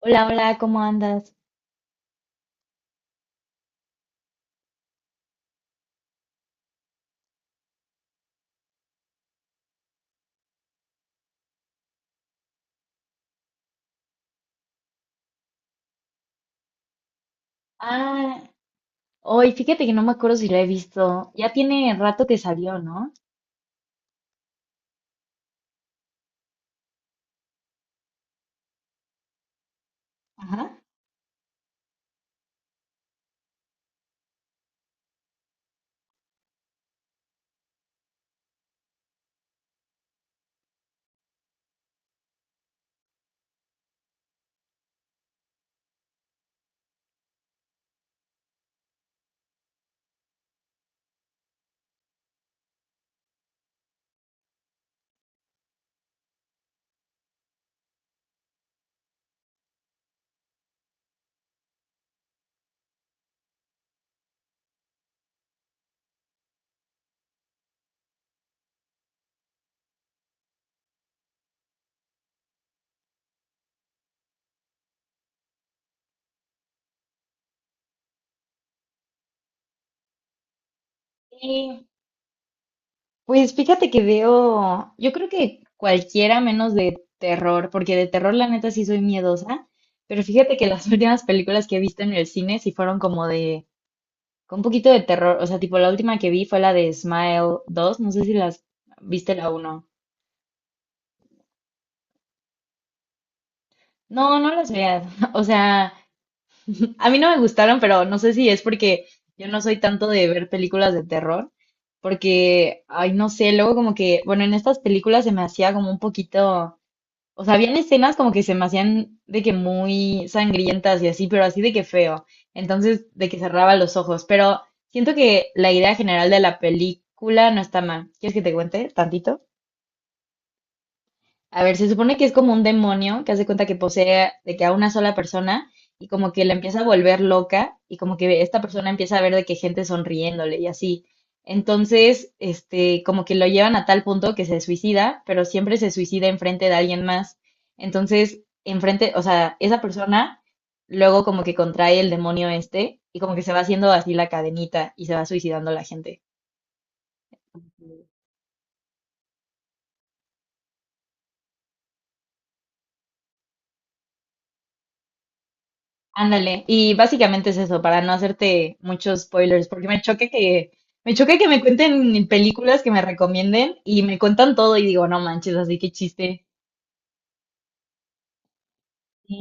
Hola, hola, ¿cómo andas? Ah, hoy fíjate que no me acuerdo si la he visto. Ya tiene rato que salió, ¿no? Ajá. Sí. Pues fíjate que veo, yo creo que cualquiera menos de terror, porque de terror la neta sí soy miedosa, pero fíjate que las últimas películas que he visto en el cine sí fueron como de, con un poquito de terror, o sea, tipo la última que vi fue la de Smile dos, no sé si las viste la uno. No, no las veas, o sea... A mí no me gustaron, pero no sé si es porque yo no soy tanto de ver películas de terror, porque, ay, no sé, luego como que, bueno, en estas películas se me hacía como un poquito, o sea, habían escenas como que se me hacían de que muy sangrientas y así, pero así de que feo, entonces de que cerraba los ojos, pero siento que la idea general de la película no está mal. ¿Quieres que te cuente tantito? A ver, se supone que es como un demonio que hace cuenta que posee de que a una sola persona y como que la empieza a volver loca y como que esta persona empieza a ver de que gente sonriéndole y así. Entonces, este, como que lo llevan a tal punto que se suicida, pero siempre se suicida enfrente de alguien más. Entonces, enfrente, o sea, esa persona luego como que contrae el demonio este y como que se va haciendo así la cadenita y se va suicidando la gente. Ándale, y básicamente es eso, para no hacerte muchos spoilers, porque me choca que, me choca que me cuenten películas que me recomienden y me cuentan todo y digo, no manches, así que chiste. Sí.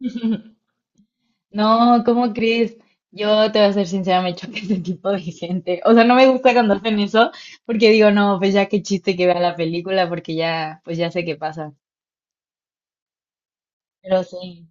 No, ¿cómo crees? Yo te voy a ser sincera, me choca ese tipo de gente. O sea, no me gusta cuando hacen eso, porque digo, no, pues ya qué chiste que vea la película, porque ya, pues ya sé qué pasa. Pero sí.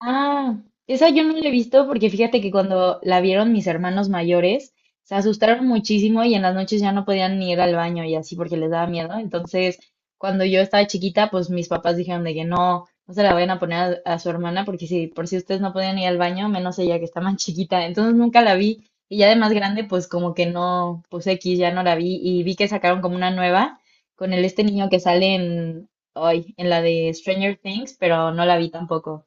Ah, esa yo no la he visto porque fíjate que cuando la vieron mis hermanos mayores, se asustaron muchísimo y en las noches ya no podían ni ir al baño y así porque les daba miedo. Entonces, cuando yo estaba chiquita, pues mis papás dijeron de que no, no se la vayan a poner a su hermana porque si por si ustedes no podían ir al baño, menos ella que está más chiquita. Entonces nunca la vi y ya de más grande, pues como que no, pues X, ya no la vi y vi que sacaron como una nueva con el este niño que sale en, hoy, en la de Stranger Things, pero no la vi tampoco.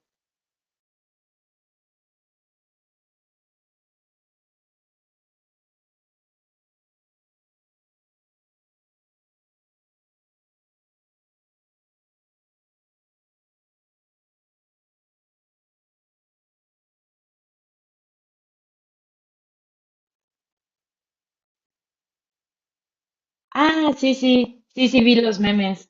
Ah, sí, sí, sí, sí, vi los memes.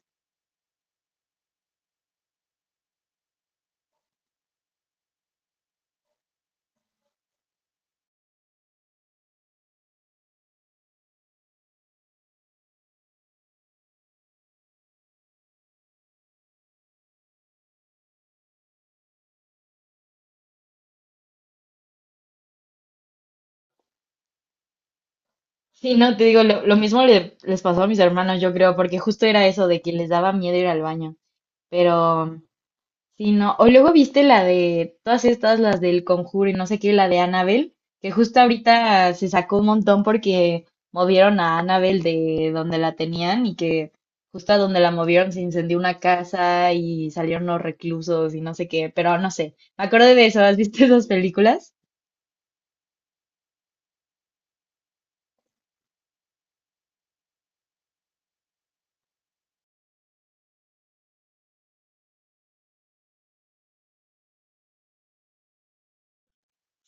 Sí, no, te digo, lo mismo le- les pasó a mis hermanos, yo creo, porque justo era eso de que les daba miedo ir al baño. Pero, sí, no. O luego viste la de todas estas, las del Conjuro y no sé qué, la de Annabelle, que justo ahorita se sacó un montón porque movieron a Annabelle de donde la tenían y que justo a donde la movieron se incendió una casa y salieron los reclusos y no sé qué, pero no sé. Me acuerdo de eso, ¿has visto esas películas?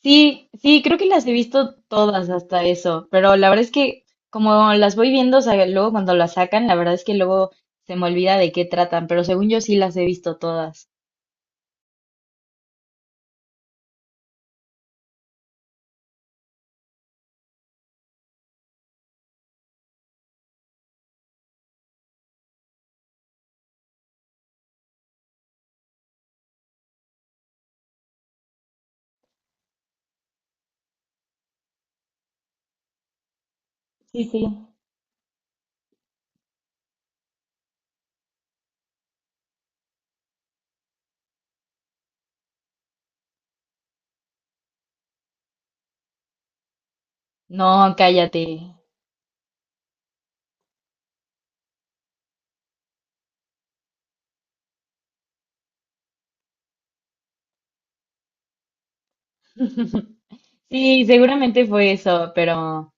Sí, sí, creo que las he visto todas hasta eso, pero la verdad es que como las voy viendo, o sea, luego cuando las sacan, la verdad es que luego se me olvida de qué tratan, pero según yo sí las he visto todas. Sí, sí. No, cállate. Sí, seguramente fue eso, pero...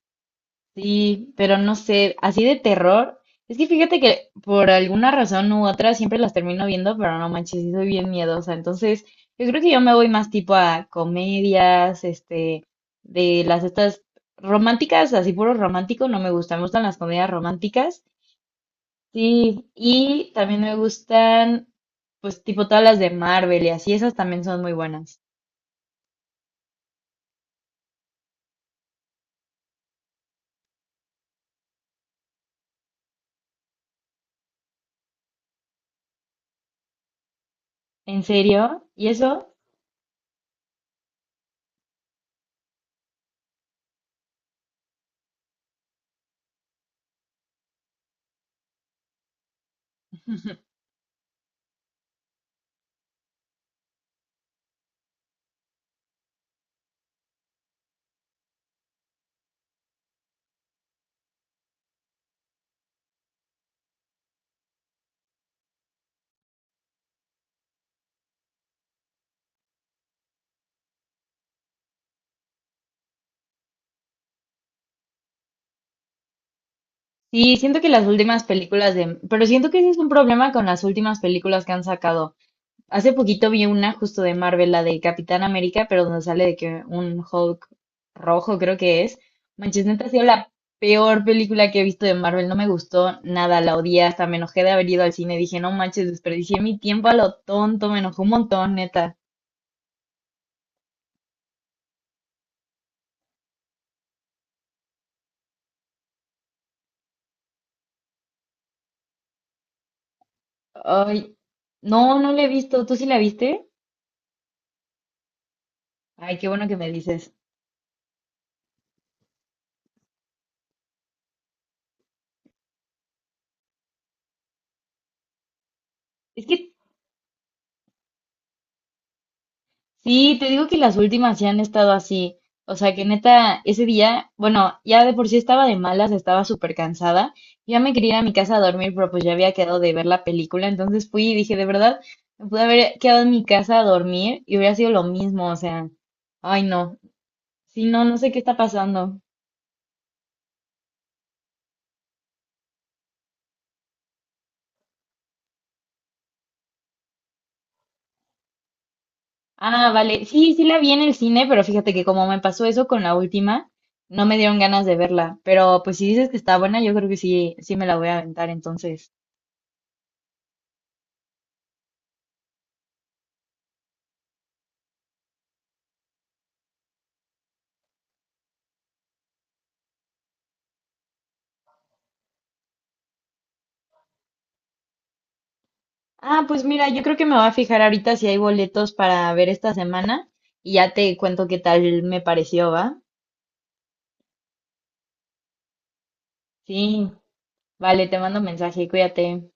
Sí, pero no sé, así de terror. Es que fíjate que por alguna razón u otra siempre las termino viendo, pero no manches, sí soy bien miedosa. Entonces, yo creo que yo me voy más tipo a comedias, este, de las estas románticas, así puro romántico, no me gustan, me gustan las comedias románticas. Sí, y también me gustan, pues tipo todas las de Marvel y así, esas también son muy buenas. ¿En serio? ¿Y eso? Sí, siento que las últimas películas de... Pero siento que ese es un problema con las últimas películas que han sacado. Hace poquito vi una justo de Marvel, la de Capitán América, pero donde sale de que un Hulk rojo creo que es. Manches, neta ha sido la peor película que he visto de Marvel. No me gustó nada, la odié, hasta me enojé de haber ido al cine. Dije, no manches, desperdicié mi tiempo a lo tonto, me enojó un montón, neta. Ay, no, no la he visto. ¿Tú sí la viste? Ay, qué bueno que me dices. Es que sí, te digo que las últimas sí han estado así. O sea, que neta, ese día, bueno, ya de por sí estaba de malas, estaba súper cansada. Ya me quería ir a mi casa a dormir, pero pues ya había quedado de ver la película. Entonces fui y dije, de verdad, me pude haber quedado en mi casa a dormir y hubiera sido lo mismo. O sea, ay, no. Sí, no, no sé qué está pasando. Ah, vale. Sí, sí la vi en el cine, pero fíjate que como me pasó eso con la última, no me dieron ganas de verla. Pero pues si dices que está buena, yo creo que sí, sí me la voy a aventar entonces. Ah, pues mira, yo creo que me voy a fijar ahorita si hay boletos para ver esta semana y ya te cuento qué tal me pareció, ¿va? Sí, vale, te mando mensaje, cuídate.